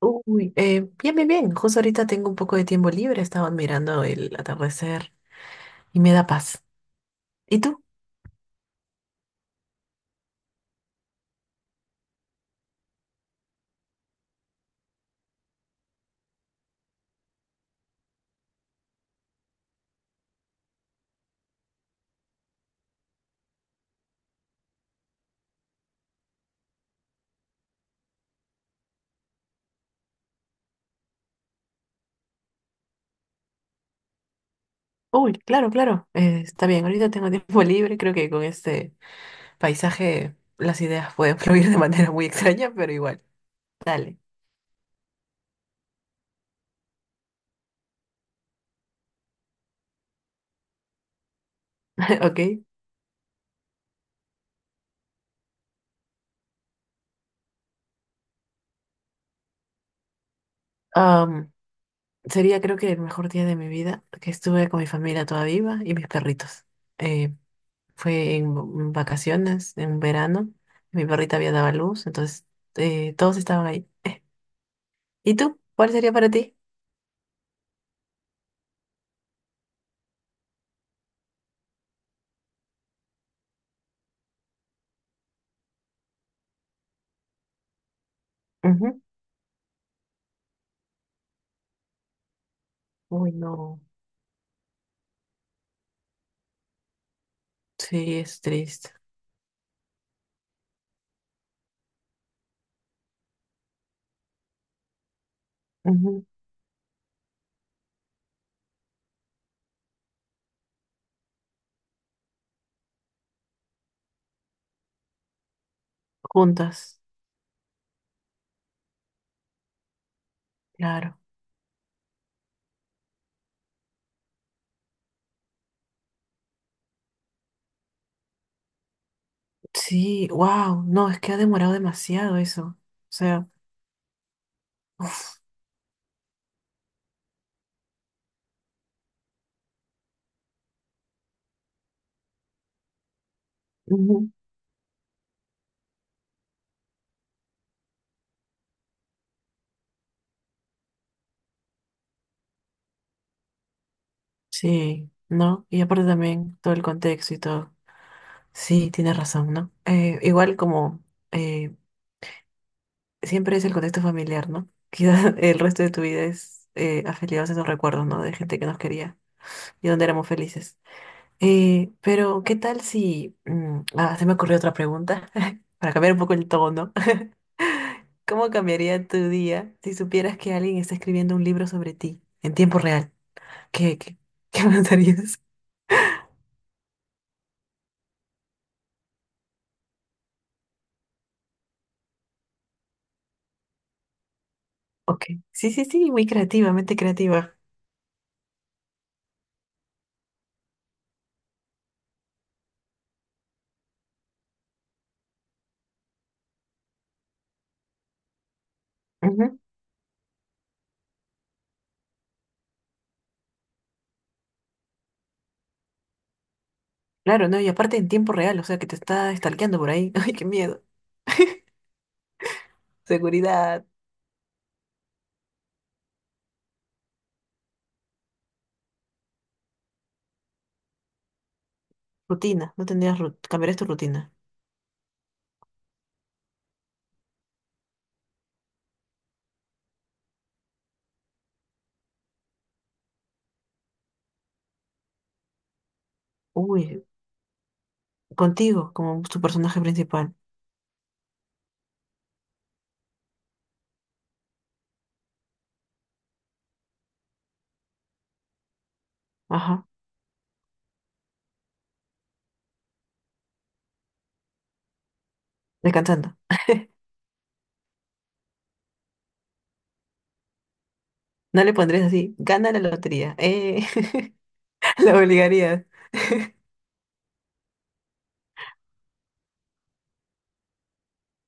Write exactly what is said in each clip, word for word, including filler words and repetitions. Uy, eh, bien, bien, bien. Justo ahorita tengo un poco de tiempo libre. Estaba mirando el atardecer y me da paz. ¿Y tú? Uy, claro, claro. Eh, está bien, ahorita tengo tiempo libre. Creo que con este paisaje las ideas pueden fluir de manera muy extraña, pero igual. Dale. Ok. Am, Sería creo que el mejor día de mi vida, que estuve con mi familia toda viva y mis perritos. Eh, Fue en v- vacaciones, en verano. Mi perrita había dado a luz, entonces eh, todos estaban ahí. ¿Y tú? ¿Cuál sería para ti? Ujú. Uy, no. Sí, es triste. Ujú. Juntas, claro. Sí, wow, no, es que ha demorado demasiado eso. O sea, ujú. Sí, ¿no? Y aparte también todo el contexto y todo. Sí, tienes razón, ¿no? Eh, igual como eh, siempre es el contexto familiar, ¿no? Quizás el resto de tu vida es eh, afiliados a esos recuerdos, ¿no? De gente que nos quería y donde éramos felices. Eh, pero, ¿qué tal si... mm, ah, se me ocurrió otra pregunta, para cambiar un poco el tono. ¿Cómo cambiaría tu día si supieras que alguien está escribiendo un libro sobre ti en tiempo real? ¿Qué, qué, qué pensarías? Ok. Sí, sí, sí, muy creativa, mente creativa. Ujú. Claro, no, y aparte en tiempo real, o sea, que te está stalkeando por ahí. Ay, qué miedo. Seguridad. Rutina, no tendrías rut cambiarías tu rutina. Uy, contigo como tu personaje principal. Ajá, descansando. No le pondrías así, gana la lotería. Eh, la obligarías.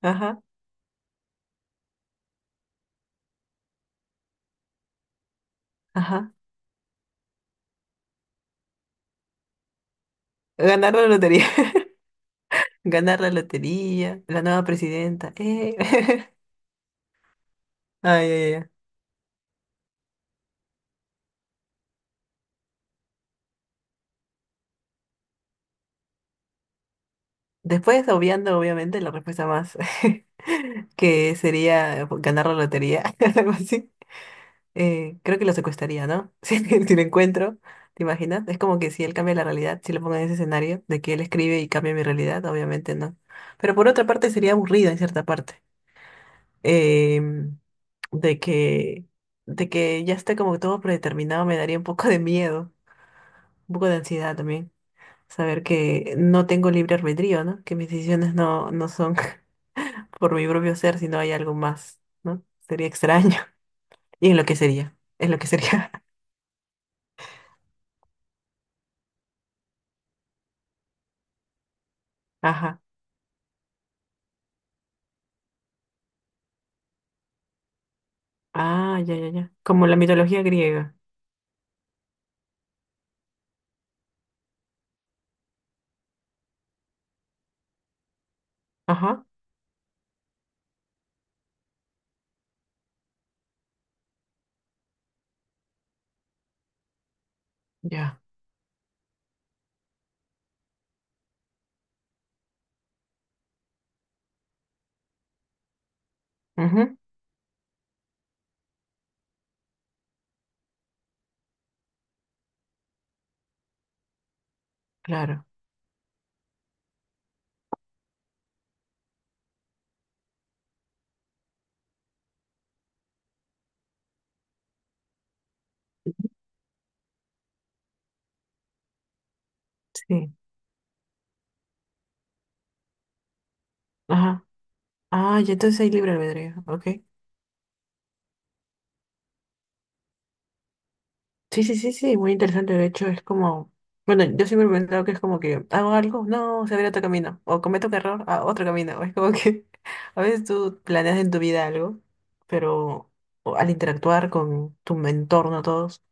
Ajá, ajá. Ganar la lotería. Ganar la lotería. La nueva presidenta. Eh. Ay, ay, ay. Después, obviando, obviamente, la respuesta más que sería ganar la lotería. Algo así. Eh, creo que lo secuestraría, ¿no? Si, si lo encuentro, ¿te imaginas? Es como que si él cambia la realidad, si lo pongo en ese escenario de que él escribe y cambia mi realidad, obviamente no. Pero por otra parte sería aburrido en cierta parte. em, de que, de que ya esté como que todo predeterminado me daría un poco de miedo, un poco de ansiedad también. Saber que no tengo libre albedrío, ¿no? Que mis decisiones no, no son por mi propio ser, sino hay algo más, ¿no? Sería extraño. Y en lo que sería, en lo que sería. Ajá. Ah, ya, ya, ya. Como la mitología griega. Ajá. Ya. Ujú, claro. Sí. Ajá. Ah, ya entonces hay libre albedrío. Ok. Sí, sí, sí, sí, muy interesante. De hecho, es como, bueno, yo siempre me he pensado que es como que hago algo, no, se abre otro camino, o cometo un error, a otro camino. Es como que a veces tú planeas en tu vida algo, pero o al interactuar con tu entorno, todos,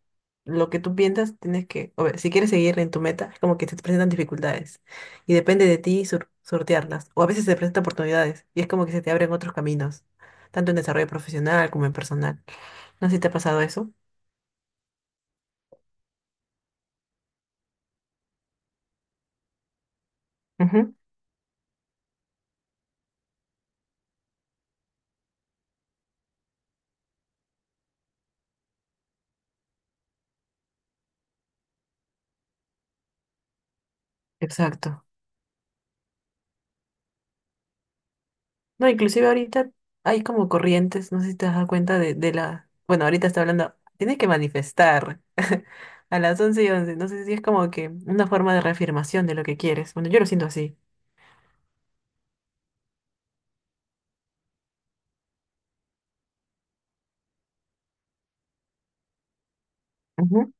lo que tú piensas, tienes que, o ver, si quieres seguir en tu meta, es como que se te presentan dificultades y depende de ti sur- sortearlas. O a veces se presentan oportunidades y es como que se te abren otros caminos, tanto en desarrollo profesional como en personal. No sé si te ha pasado eso. Ujú, exacto. No, inclusive ahorita hay como corrientes, no sé si te has dado cuenta de, de la... Bueno, ahorita está hablando, tienes que manifestar a las once y once no sé si es como que una forma de reafirmación de lo que quieres. Bueno, yo lo siento así. Ujú.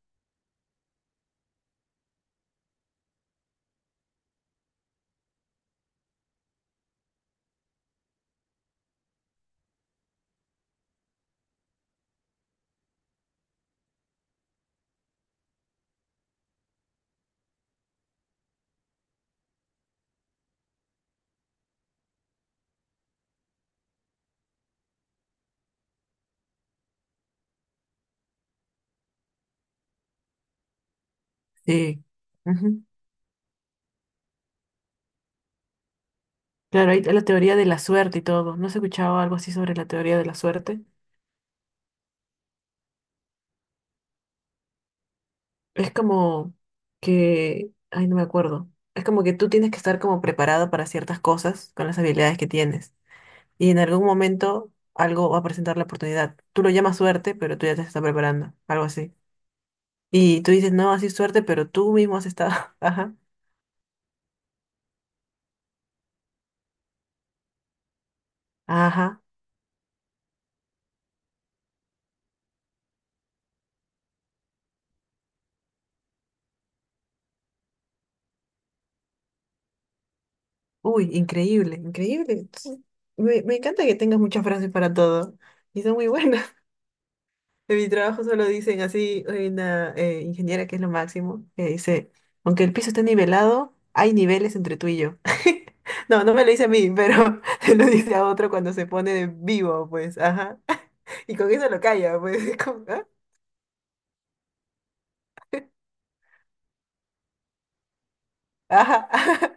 Sí. Ujú. Claro, hay la teoría de la suerte y todo. ¿No has escuchado algo así sobre la teoría de la suerte? Es como que... Ay, no me acuerdo. Es como que tú tienes que estar como preparado para ciertas cosas con las habilidades que tienes. Y en algún momento algo va a presentar la oportunidad. Tú lo llamas suerte, pero tú ya te estás preparando, algo así. Y tú dices, no, así es suerte, pero tú mismo has estado. Ajá, ajá. Uy, increíble, increíble. Entonces, Me, me encanta que tengas muchas frases para todo y son muy buenas. En mi trabajo solo dicen así, hay una eh, ingeniera que es lo máximo, que dice, aunque el piso esté nivelado, hay niveles entre tú y yo. No, no me lo dice a mí, pero se lo dice a otro cuando se pone de vivo, pues, ajá. Y con eso lo calla, pues. Es como, ¿ah? Ajá, ajá,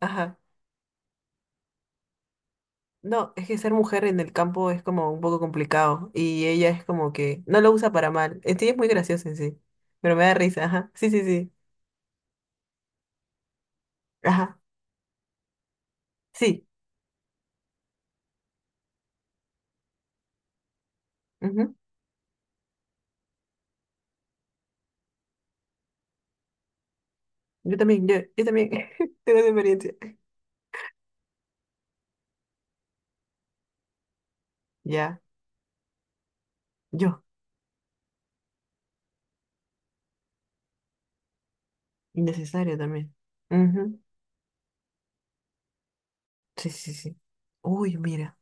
ajá. No, es que ser mujer en el campo es como un poco complicado. Y ella es como que no lo usa para mal. En sí es muy gracioso en sí. Pero me da risa, ajá. Sí, sí, sí. Ajá. Sí. Ujú. Yo también, yo, yo también. Tengo esa experiencia. Ya. Yo. Innecesario también. Ujú. Sí, sí, sí. Uy, mira.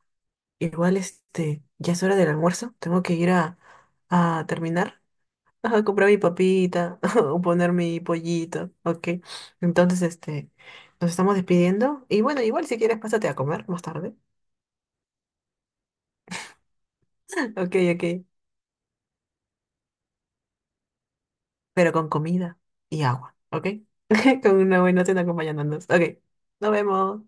Igual este, ya es hora del almuerzo. Tengo que ir a, a terminar. Ajá, comprar mi papita o poner mi pollito, ok. Entonces, este, nos estamos despidiendo. Y bueno, igual si quieres, pásate a comer más tarde. Ok, ok. Pero con comida y agua, ok. Con una buena cena acompañándonos. Ok, nos vemos.